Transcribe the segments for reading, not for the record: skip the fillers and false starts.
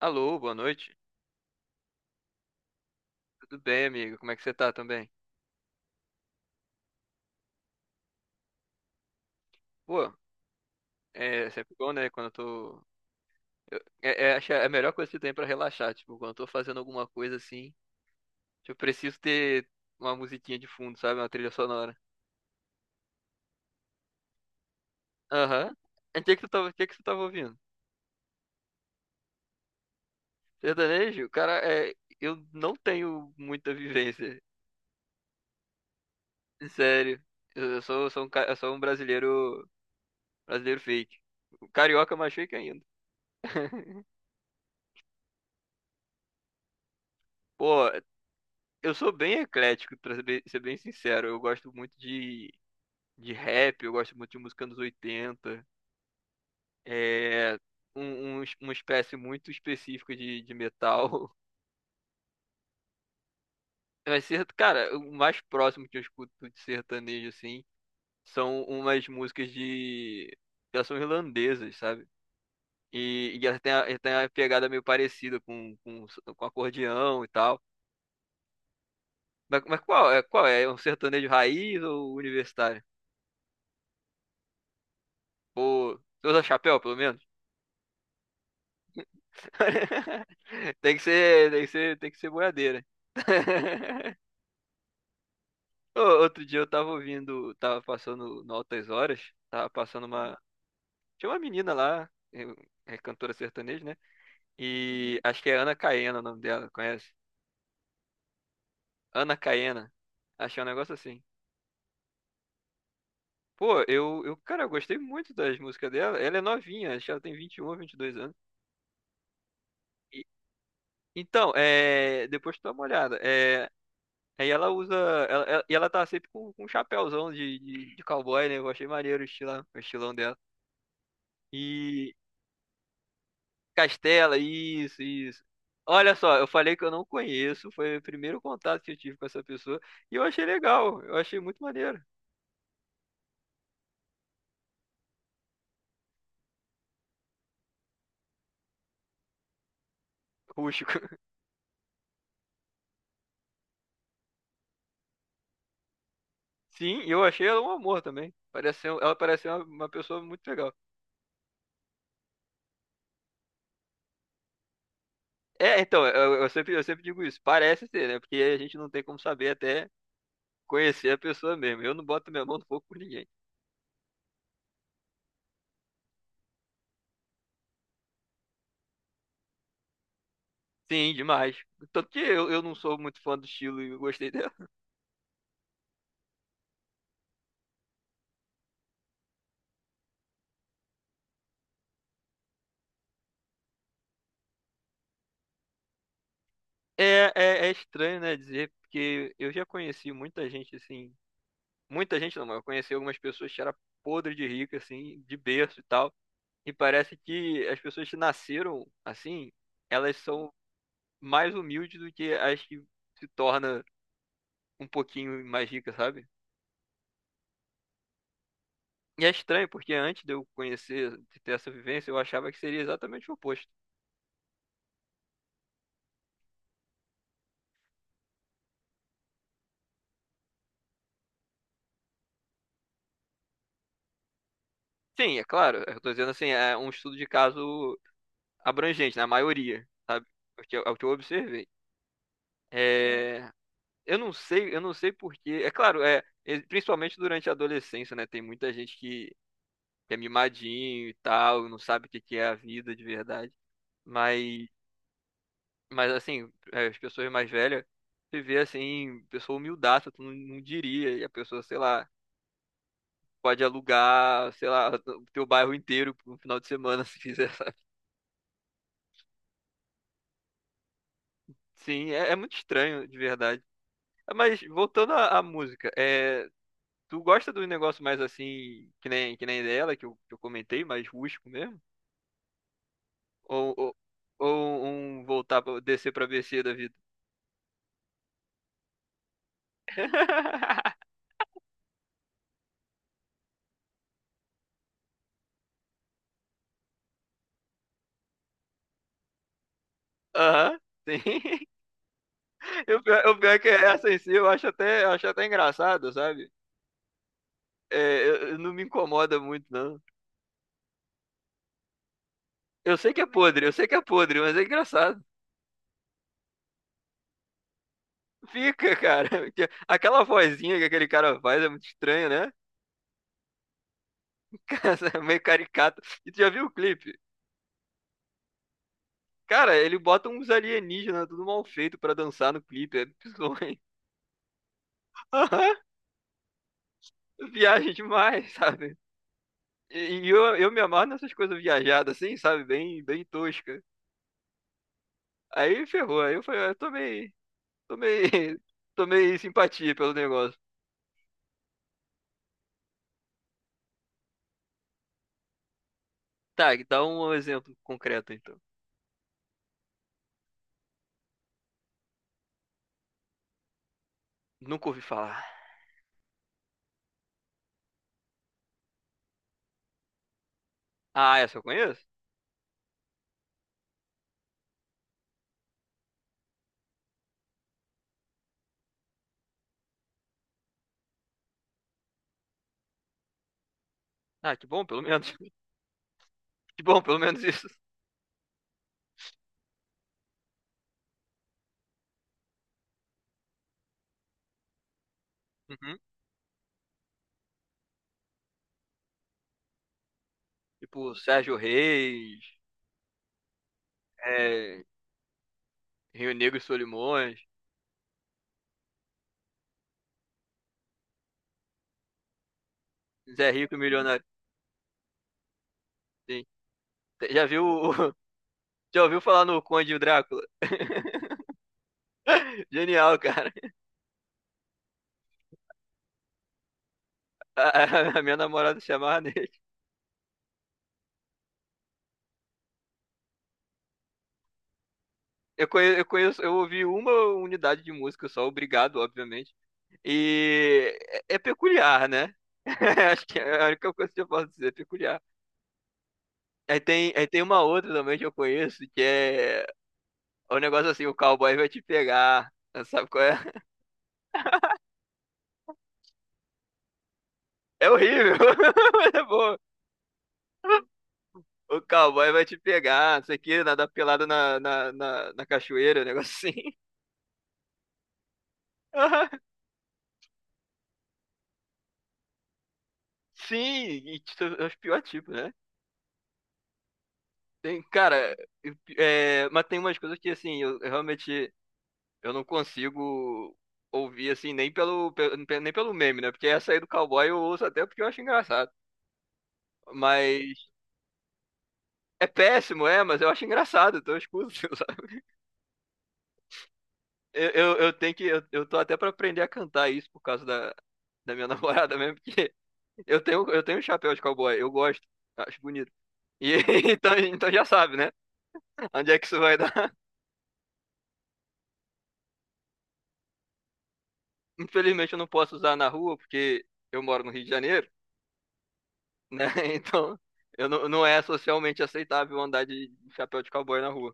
Alô, boa noite. Tudo bem, amigo? Como é que você tá também? Pô, é sempre bom, né? Quando eu tô. Acho que é a melhor coisa que tem pra relaxar. Tipo, quando eu tô fazendo alguma coisa assim, tipo, eu preciso ter uma musiquinha de fundo, sabe? Uma trilha sonora. Aham. E o que que tu tava, o que que tu tava ouvindo? Sertanejo? Cara, é, eu não tenho muita vivência. Sério. Eu sou, sou um, eu sou um brasileiro, brasileiro fake. Carioca mais fake ainda. Pô, eu sou bem eclético, pra ser bem sincero. Eu gosto muito de rap, eu gosto muito de música dos 80, é um, uma espécie muito específica de metal. Mas, cara, o mais próximo que eu escuto de sertanejo, assim, são umas músicas de... Elas são irlandesas, sabe? E elas têm a pegada meio parecida com acordeão e tal. Mas qual é? Qual é? É um sertanejo raiz ou universitário? Ou... Você usa chapéu, pelo menos? Tem que ser, tem que ser, tem que ser boiadeira. Ô, outro dia eu tava ouvindo, tava passando no Altas Horas, tava passando uma. Tinha uma menina lá, é cantora sertaneja, né? E acho que é Ana Caena o nome dela, conhece? Ana Caena. Achei um negócio assim. Pô, eu, cara, eu gostei muito das músicas dela. Ela é novinha, acho que ela tem 21, 22 anos. E- então, é, depois tu dá uma olhada. É, aí ela usa. Ela, e ela tá sempre com um chapéuzão de cowboy, né? Eu achei maneiro o estilão dela. E. Castela, isso, isso. Olha só, eu falei que eu não conheço, foi o primeiro contato que eu tive com essa pessoa. E eu achei legal, eu achei muito maneiro. Rústico. Sim, e eu achei ela um amor também. Parece ser, um, ela parece ser uma pessoa muito legal. É, então, eu sempre digo isso. Parece ser, né? Porque a gente não tem como saber até conhecer a pessoa mesmo. Eu não boto minha mão no fogo por ninguém. Sim, demais. Tanto que eu não sou muito fã do estilo e eu gostei dela. É, é, é estranho, né, dizer, porque eu já conheci muita gente, assim. Muita gente não, mas eu conheci algumas pessoas que era podre de rica, assim, de berço e tal. E parece que as pessoas que nasceram assim, elas são mais humildes do que as que se torna um pouquinho mais ricas, sabe? E é estranho, porque antes de eu conhecer, de ter essa vivência, eu achava que seria exatamente o oposto. Sim, é claro, eu tô dizendo assim, é um estudo de caso abrangente, na maioria, sabe? É o que eu, é o que eu observei. É, eu não sei porquê. É claro, é, principalmente durante a adolescência, né? Tem muita gente que é mimadinho e tal, não sabe o que que é a vida de verdade. Mas, mas assim, é, as pessoas mais velhas, você vê assim, pessoa humildaça, tu não, não diria. E a pessoa, sei lá, pode alugar, sei lá, o teu bairro inteiro por um final de semana, se quiser, sabe? Sim, é, é muito estranho, de verdade. Mas voltando à, à música, é, tu gosta do negócio mais assim, que nem dela, que eu comentei, mais rústico mesmo? Ou, ou, ou um voltar pra descer pra BC da vida? Aham, sim. E o pior, o pior é que essa em si eu acho até engraçado, sabe? É, não me incomoda muito, não. Eu sei que é podre, eu sei que é podre, mas é engraçado. Fica, cara. Porque aquela vozinha que aquele cara faz é muito estranha, né? Meio caricato. E tu já viu o clipe? Cara, ele bota uns alienígenas tudo mal feito pra dançar no clipe. É bizonho. Viagem demais, sabe? E, e eu me amarro nessas coisas viajadas, assim, sabe? Bem, bem tosca. Aí ferrou. Aí eu falei, ah, tomei, tomei, tomei simpatia pelo negócio. Tá, dá um exemplo concreto, então. Nunca ouvi falar. Ah, essa eu conheço? Ah, que bom, pelo menos. Que bom, pelo menos isso. Uhum. Tipo, Sérgio Reis, é, Rio Negro e Solimões, Zé Rico e Milionário. Sim. Já viu, já ouviu falar no Conde e o Drácula? Genial, cara. A, a minha namorada se amarra nele. Eu conheço, eu conheço, eu ouvi uma unidade de música só, obrigado, obviamente. E é, é peculiar, né? Acho que é a única coisa que eu posso dizer, é peculiar. Aí tem uma outra também que eu conheço, que é o negócio assim, o cowboy vai te pegar. Sabe qual é? É horrível, mas é bom. O cowboy vai te pegar, não sei o quê, nadar pelado na, na, na, na cachoeira, um negócio assim. Aham. Sim, e é os piores tipos, né? Tem, cara, é, mas tem umas coisas que, assim, eu realmente eu não consigo ouvir, assim, nem pelo, nem pelo meme, né? Porque essa aí do cowboy eu ouço até porque eu acho engraçado. Mas é péssimo, é, mas eu acho engraçado, então eu escuto, sabe? Eu tenho que, eu tô até pra aprender a cantar isso por causa da, da minha namorada mesmo, porque eu tenho, eu tenho um chapéu de cowboy, eu gosto, acho bonito. E então, então já sabe, né? Onde é que isso vai dar? Infelizmente eu não posso usar na rua porque eu moro no Rio de Janeiro, né? Então eu não, não é socialmente aceitável andar de chapéu de cowboy na rua.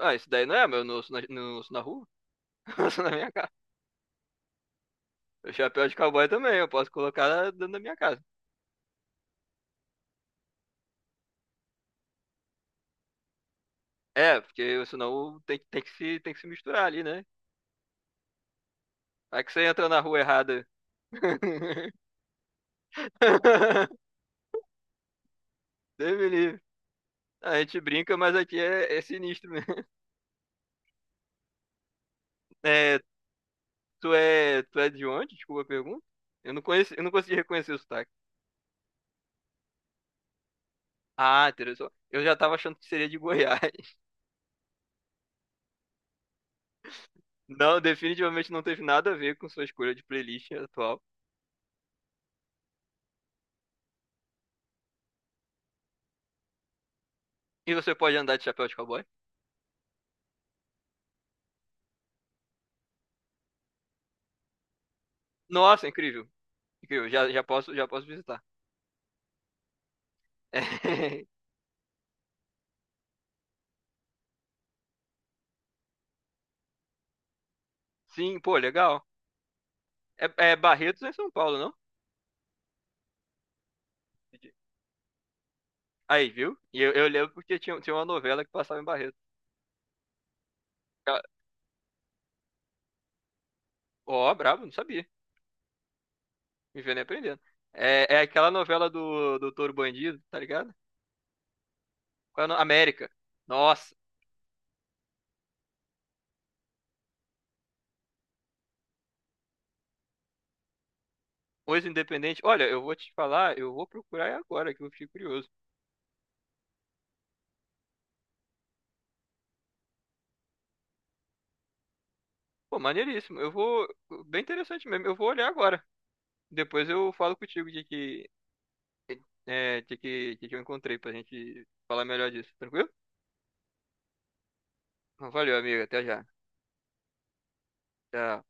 Ah, isso daí não é, mas eu não uso na, não uso na rua, eu uso na minha casa. O chapéu de cowboy também, eu posso colocar dentro da minha casa. É, porque senão tem que se misturar ali, né? Aí que você entra na rua errada. Deus me livre. A gente brinca, mas aqui é, é sinistro mesmo. É, tu é, tu é de onde? Desculpa a pergunta. Eu não conheci, eu não consegui reconhecer o sotaque. Ah, interessante. Eu já tava achando que seria de Goiás. Não, definitivamente não teve nada a ver com sua escolha de playlist atual. E você pode andar de chapéu de cowboy? Nossa, incrível. Incrível. Já, já posso visitar. É, sim, pô, legal. É, é Barretos em São Paulo, não? Aí, viu? E eu lembro porque tinha, tinha uma novela que passava em Barretos. Ca- Ó, bravo, não sabia. Vivendo e aprendendo. É, é aquela novela do Doutor Bandido, tá ligado? Qual é o nome? América. Nossa, hoje Independente. Olha, eu vou te falar, eu vou procurar agora, que eu fiquei curioso. Pô, maneiríssimo. Eu vou. Bem interessante mesmo. Eu vou olhar agora. Depois eu falo contigo de que. É, de que eu encontrei pra gente falar melhor disso, tranquilo? Então, valeu, amiga. Até já. Tchau.